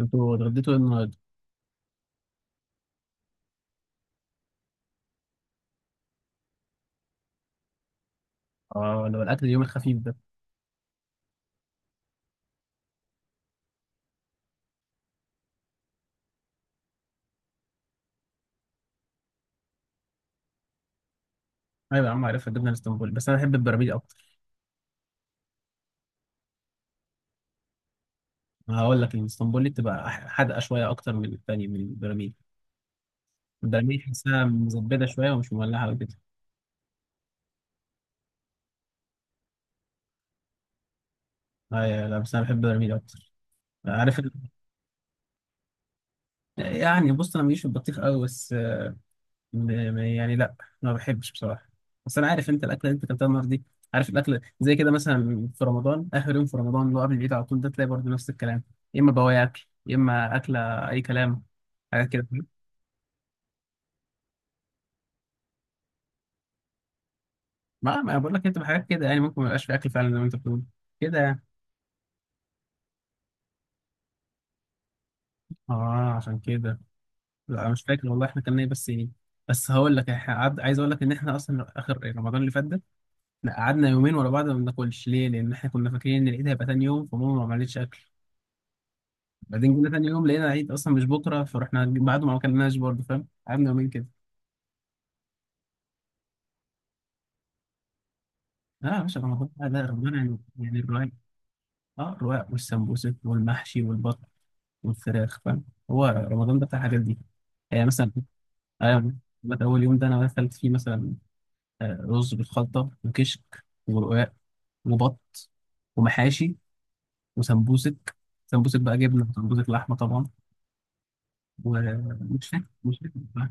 انتوا اتغديتوا ايه النهارده؟ اه، لو الاكل اليوم الخفيف ده. ايوه يا عم عارفها الجبنه الاسطنبولي، بس انا بحب البراميل اكتر. ما هقول لك الاسطنبولي بتبقى حادقه شويه اكتر من الثانيه من البراميل. البراميل تحسها مزبده شويه ومش مولعه كده. ايوه، لا بس انا بحب البراميل اكتر. عارف يعني بص انا ماليش في البطيخ قوي، بس يعني لا، ما بحبش بصراحه. بس انا عارف انت الاكله اللي انت اكلتها النهارده دي. عارف الاكل زي كده مثلا في رمضان، اخر يوم في رمضان اللي هو قبل العيد على طول ده تلاقي برضه نفس الكلام. يا اما بواقي اكل يا اما اكله، اي كلام، حاجات كده. ما بقول لك هي بتبقى حاجات كده، يعني ممكن ما يبقاش في اكل فعلا زي ما انت بتقول كده يعني. اه عشان كده. لا أنا مش فاكر والله احنا كنا ايه، بس ايه. بس هقول لك إحنا عايز اقول لك ان احنا اصلا اخر رمضان اللي فات ده، لا قعدنا يومين ورا بعض ما بناكلش. ليه؟ لان احنا كنا فاكرين ان العيد هيبقى تاني يوم، فماما ما عملتش اكل. بعدين جينا تاني يوم لقينا العيد اصلا مش بكره، فرحنا بعده ما اكلناش برضه، فاهم؟ قعدنا يومين كده. لا يا باشا، رمضان لا لا، رمضان يعني الرواق. اه، الرواق والسمبوسك والمحشي والبط والفراخ، فاهم؟ هو رمضان ده بتاع الحاجات دي يعني مثلا. ايوه. بقى اول يوم ده انا اكلت فيه مثلا رز بالخلطه وكشك ورقاق وبط ومحاشي وسمبوسك، سمبوسك بقى جبنه وسمبوسك لحمه طبعا. ومش فاكر، مش فاكر بقى.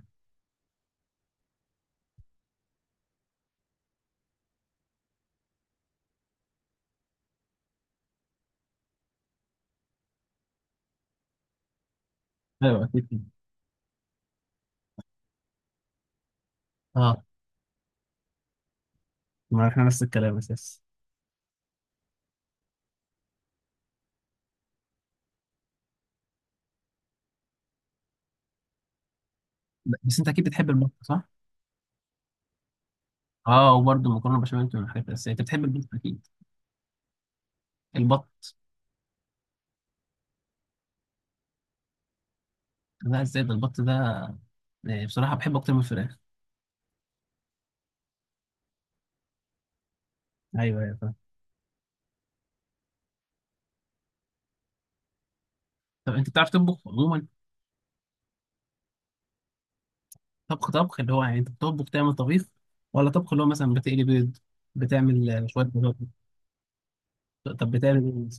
ايوه اكيد كده. اه، ما احنا نفس الكلام اساس. بس انت اكيد بتحب البط، صح؟ اه، وبرده مكرونه بشاميل من الحاجات الاساسيه، انت بتحب البط اكيد. البط. لا ازاي ده، البط ده بصراحه بحبه اكتر من الفراخ. ايوه ايوه فاهم. طب انت بتعرف تطبخ عموما؟ طبخ طبخ اللي هو يعني انت بتطبخ تعمل طبيخ، ولا طبخ اللي هو مثلا بتقلي بيض، بتعمل شويه بيض؟ طب بتعمل؟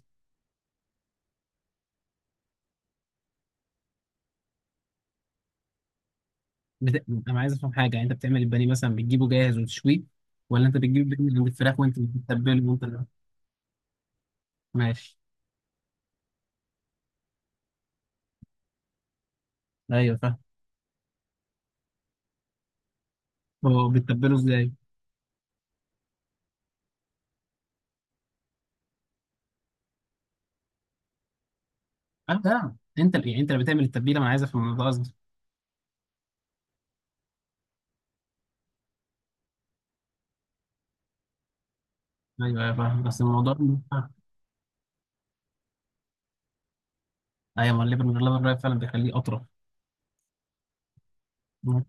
انا عايز افهم حاجه، يعني انت بتعمل البانيه مثلا بتجيبه جاهز وتشويه، ولا انت بتجيب البانيه من عند الفراخ وانت بتتبله وانت ماشي. ايوه فاهم. هو بتتبله ازاي؟ اه فاهم، انت يعني انت اللي بتعمل التتبيله، ما انا عايز افهم ده قصدي. ايوه ايوه فاهم، بس الموضوع. ايوه، ما الليفر من غير لبن رايب فعلا بيخليه اطرى. مم.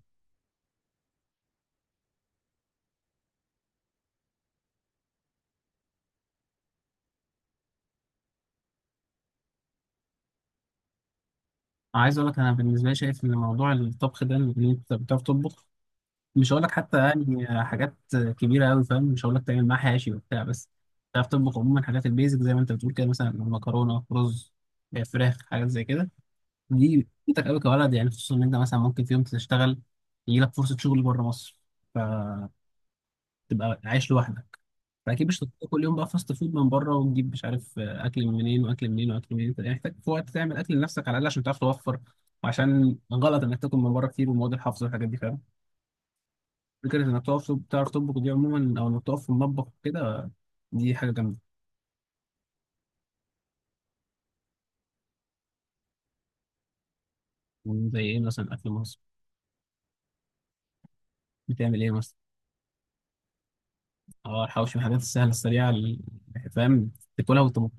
عايز اقول لك انا بالنسبه لي شايف ان موضوع الطبخ ده ان انت بتعرف تطبخ، مش هقول لك حتى يعني حاجات كبيره قوي، فاهم؟ مش هقول لك تعمل معاه حاشي وبتاع، بس تعرف تطبخ عموما حاجات البيزك زي ما انت بتقول كده، مثلا مكرونه، رز، فراخ، حاجات زي كده. دي بتفيدك قوي كولد يعني، خصوصا ان انت مثلا ممكن في يوم تشتغل، يجي لك فرصه شغل بره مصر، فتبقى عايش لوحدك، فاكيد مش هتطلع كل يوم بقى فاست فود من بره وتجيب مش عارف اكل من منين واكل منين واكل منين. انت محتاج في وقت تعمل اكل لنفسك على الاقل، عشان تعرف توفر وعشان غلط انك تاكل من بره كتير ومواد الحافظ والحاجات دي، فاهم؟ فكرة إنك تقف تعرف تطبخ دي عموما، أو إنك تقف في المطبخ كده، دي حاجة جامدة. يعني زي إيه مثلا أكل مصر؟ بتعمل إيه مثلا؟ أه الحواوشي من الحاجات السهلة السريعة فاهم، تاكلها وتطبخ.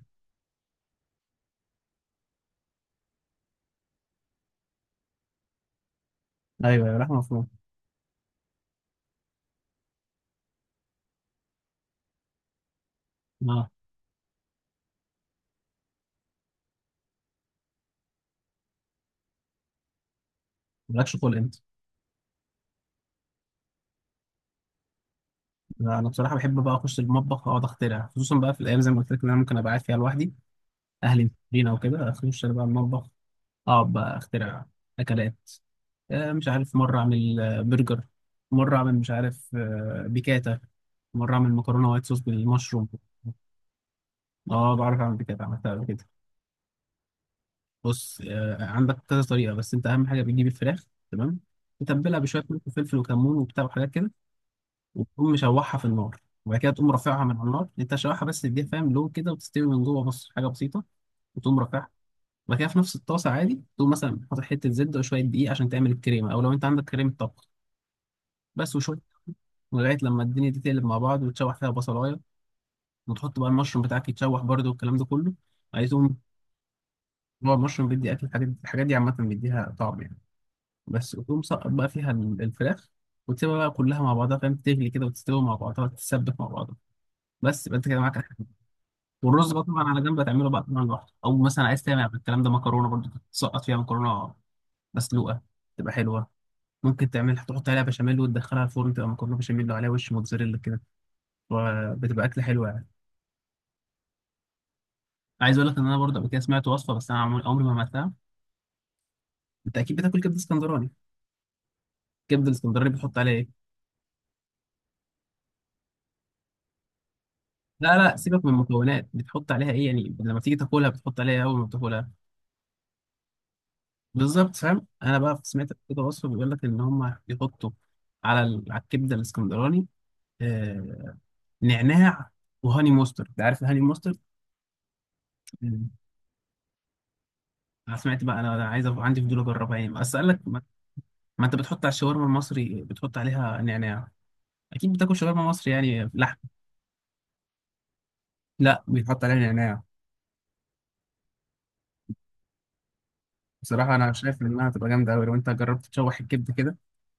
أيوه، يا لحمة مفرومة. أه. مالكش خلق أنت. لا، أنا بصراحة بحب بقى أخش المطبخ أقعد أخترع، خصوصا بقى في الأيام زي ما قلت لك إن أنا ممكن أبقى قاعد فيها لوحدي، أهلي مسافرين أو كده، أخش أنا بقى المطبخ، اقعد بقى اخترع اكلات. مش عارف مره اعمل برجر، مره اعمل مش عارف بيكاتا، مره اعمل مكرونه وايت صوص بالمشروم. اه بعرف اعمل بيكاتا، عملتها قبل كده. بص عندك كذا طريقه، بس انت اهم حاجه بتجيب الفراخ، تمام، تتبلها بشويه ملح وفلفل وكمون وبتاع وحاجات كده، وتقوم مشوحها في النار، وبعد كده تقوم رافعها من على النار، انت شوحها بس تديها فاهم لون كده وتستوي من جوه، بص حاجه بسيطه. وتقوم رافعها، بعد كده في نفس الطاسه عادي تقوم مثلا حاطط حته زبده وشويه دقيق عشان تعمل الكريمه، او لو انت عندك كريمه طبخ بس وشويه، لغايه لما الدنيا دي تقلب مع بعض، وتشوح فيها بصلايه، وتحط بقى المشروم بتاعك يتشوح برده والكلام ده كله. عايز تقوم، هو المشروم بيدي اكل الحاجات دي، الحاجات دي عامه بيديها طعم يعني. بس وتقوم سقط بقى فيها الفراخ، وتسيبها بقى كلها مع بعضها، فاهم؟ تغلي كده وتستوي مع بعضها وتتسبك مع بعضها، بس يبقى انت كده معاك أكل. والرز بقى طبعا على جنب هتعمله بقى طبعا لوحده، او مثلا عايز تعمل الكلام ده مكرونه برضه، تسقط فيها مكرونه مسلوقه، تبقى حلوه، ممكن تعملها تحط عليها بشاميل وتدخلها الفرن تبقى مكرونه بشاميل وعليها وش موتزاريلا كده، وبتبقى اكله حلوه يعني. عايز اقول لك ان انا برضه قبل كده سمعت وصفه، بس انا عمري ما عملتها. انت اكيد بتاكل كبده اسكندراني. الكبده الاسكندراني بتحط عليها ايه؟ لا لا سيبك من المكونات، بتحط عليها ايه يعني لما تيجي تاكلها، بتحط عليها إيه اول ما بتاكلها؟ بالظبط، فاهم؟ انا بقى سمعت كده وصفه بيقول لك ان هم يحطوا على على الكبده الاسكندراني آه نعناع، وهاني مستر. انت عارف الهاني مستر؟ انا سمعت بقى، انا أنا عايز أبقى عندي فضول اجربها يعني، بس قال لك ما انت بتحط على الشاورما المصري بتحط عليها نعناع، اكيد بتاكل شاورما مصري يعني لحم. لا بيتحط عليها نعناع. بصراحه انا شايف انها هتبقى جامده قوي لو انت جربت تشوح الكبده كده،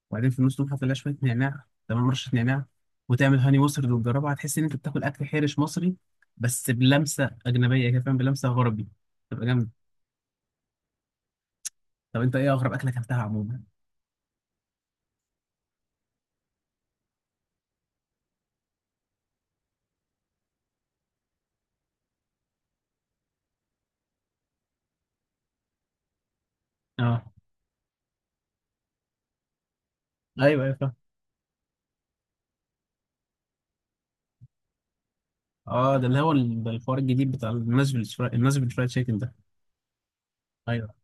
وبعدين في النص تقوم حاطط لها شويه نعناع، تمام، رشه نعناع، وتعمل هاني مصري وتجربها، هتحس ان انت بتاكل اكل حرش مصري بس بلمسه اجنبيه كده، فاهم؟ بلمسه غربي، تبقى جامده. طب انت ايه اغرب اكله اكلتها عموما؟ اه ايوه ايوه فاهم. اه ده اللي هو ده الحوار الجديد بتاع الناشفيل، الناشفيل فرايد تشيكن ده. ايوه.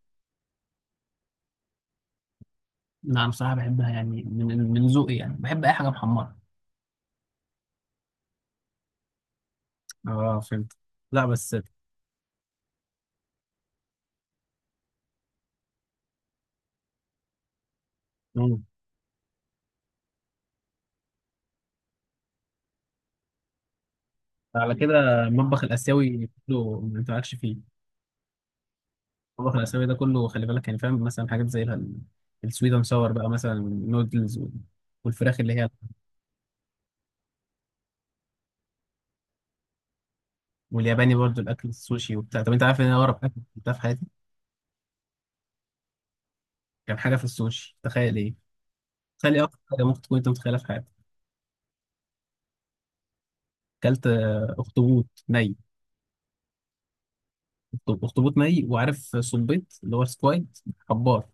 نعم، بصراحة بحبها يعني من من ذوقي يعني، بحب أي حاجة محمرة. اه فهمت. لا بس. مم. على كده المطبخ الاسيوي كله ما انتعكش فيه. المطبخ الاسيوي ده كله خلي بالك يعني، فاهم؟ مثلا حاجات زي السويد اند ساور بقى، مثلا النودلز والفراخ اللي هي، والياباني برضو الاكل السوشي وبتاع. طب انت عارف ان انا اقرب اكل كلتها في حياتي كان حاجه في السوشي؟ تخيل ايه، تخيل ايه اكتر حاجه ممكن تكون انت متخيلها في حياتك. اكلت اخطبوط ني. اخطبوط ني، وعارف صبيط اللي هو سكويد، حبار.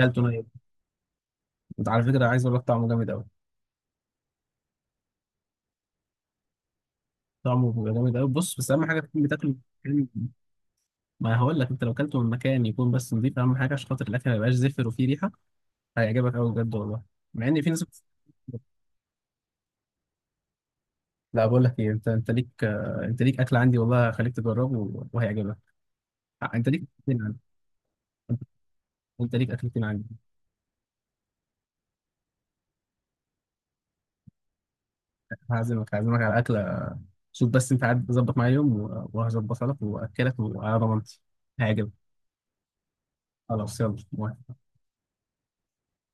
اكلته ني، انت على فكره عايز اقول لك طعمه جامد قوي، طعمه بيبقى جامد قوي، بص بس اهم حاجه تكون بتاكله في- ما هقول لك انت لو اكلته من مكان يكون بس نضيف، اهم حاجه عشان خاطر الاكل ما يبقاش زفر وفيه ريحه، هيعجبك قوي بجد والله. مع ان في ناس لا بقول لك ايه، انت انت ليك انت ليك اكل عندي والله، هخليك تجربه وهيعجبك. انت ليك اكلتين عندي. انت، انت ليك اكلتين عندي. هعزمك، هعزمك على اكله. شوف بس انت قاعد ظبط معايا يوم وهظبطها لك واكلك، وعلى ضمانتي هيعجبك. خلاص يلا موافق.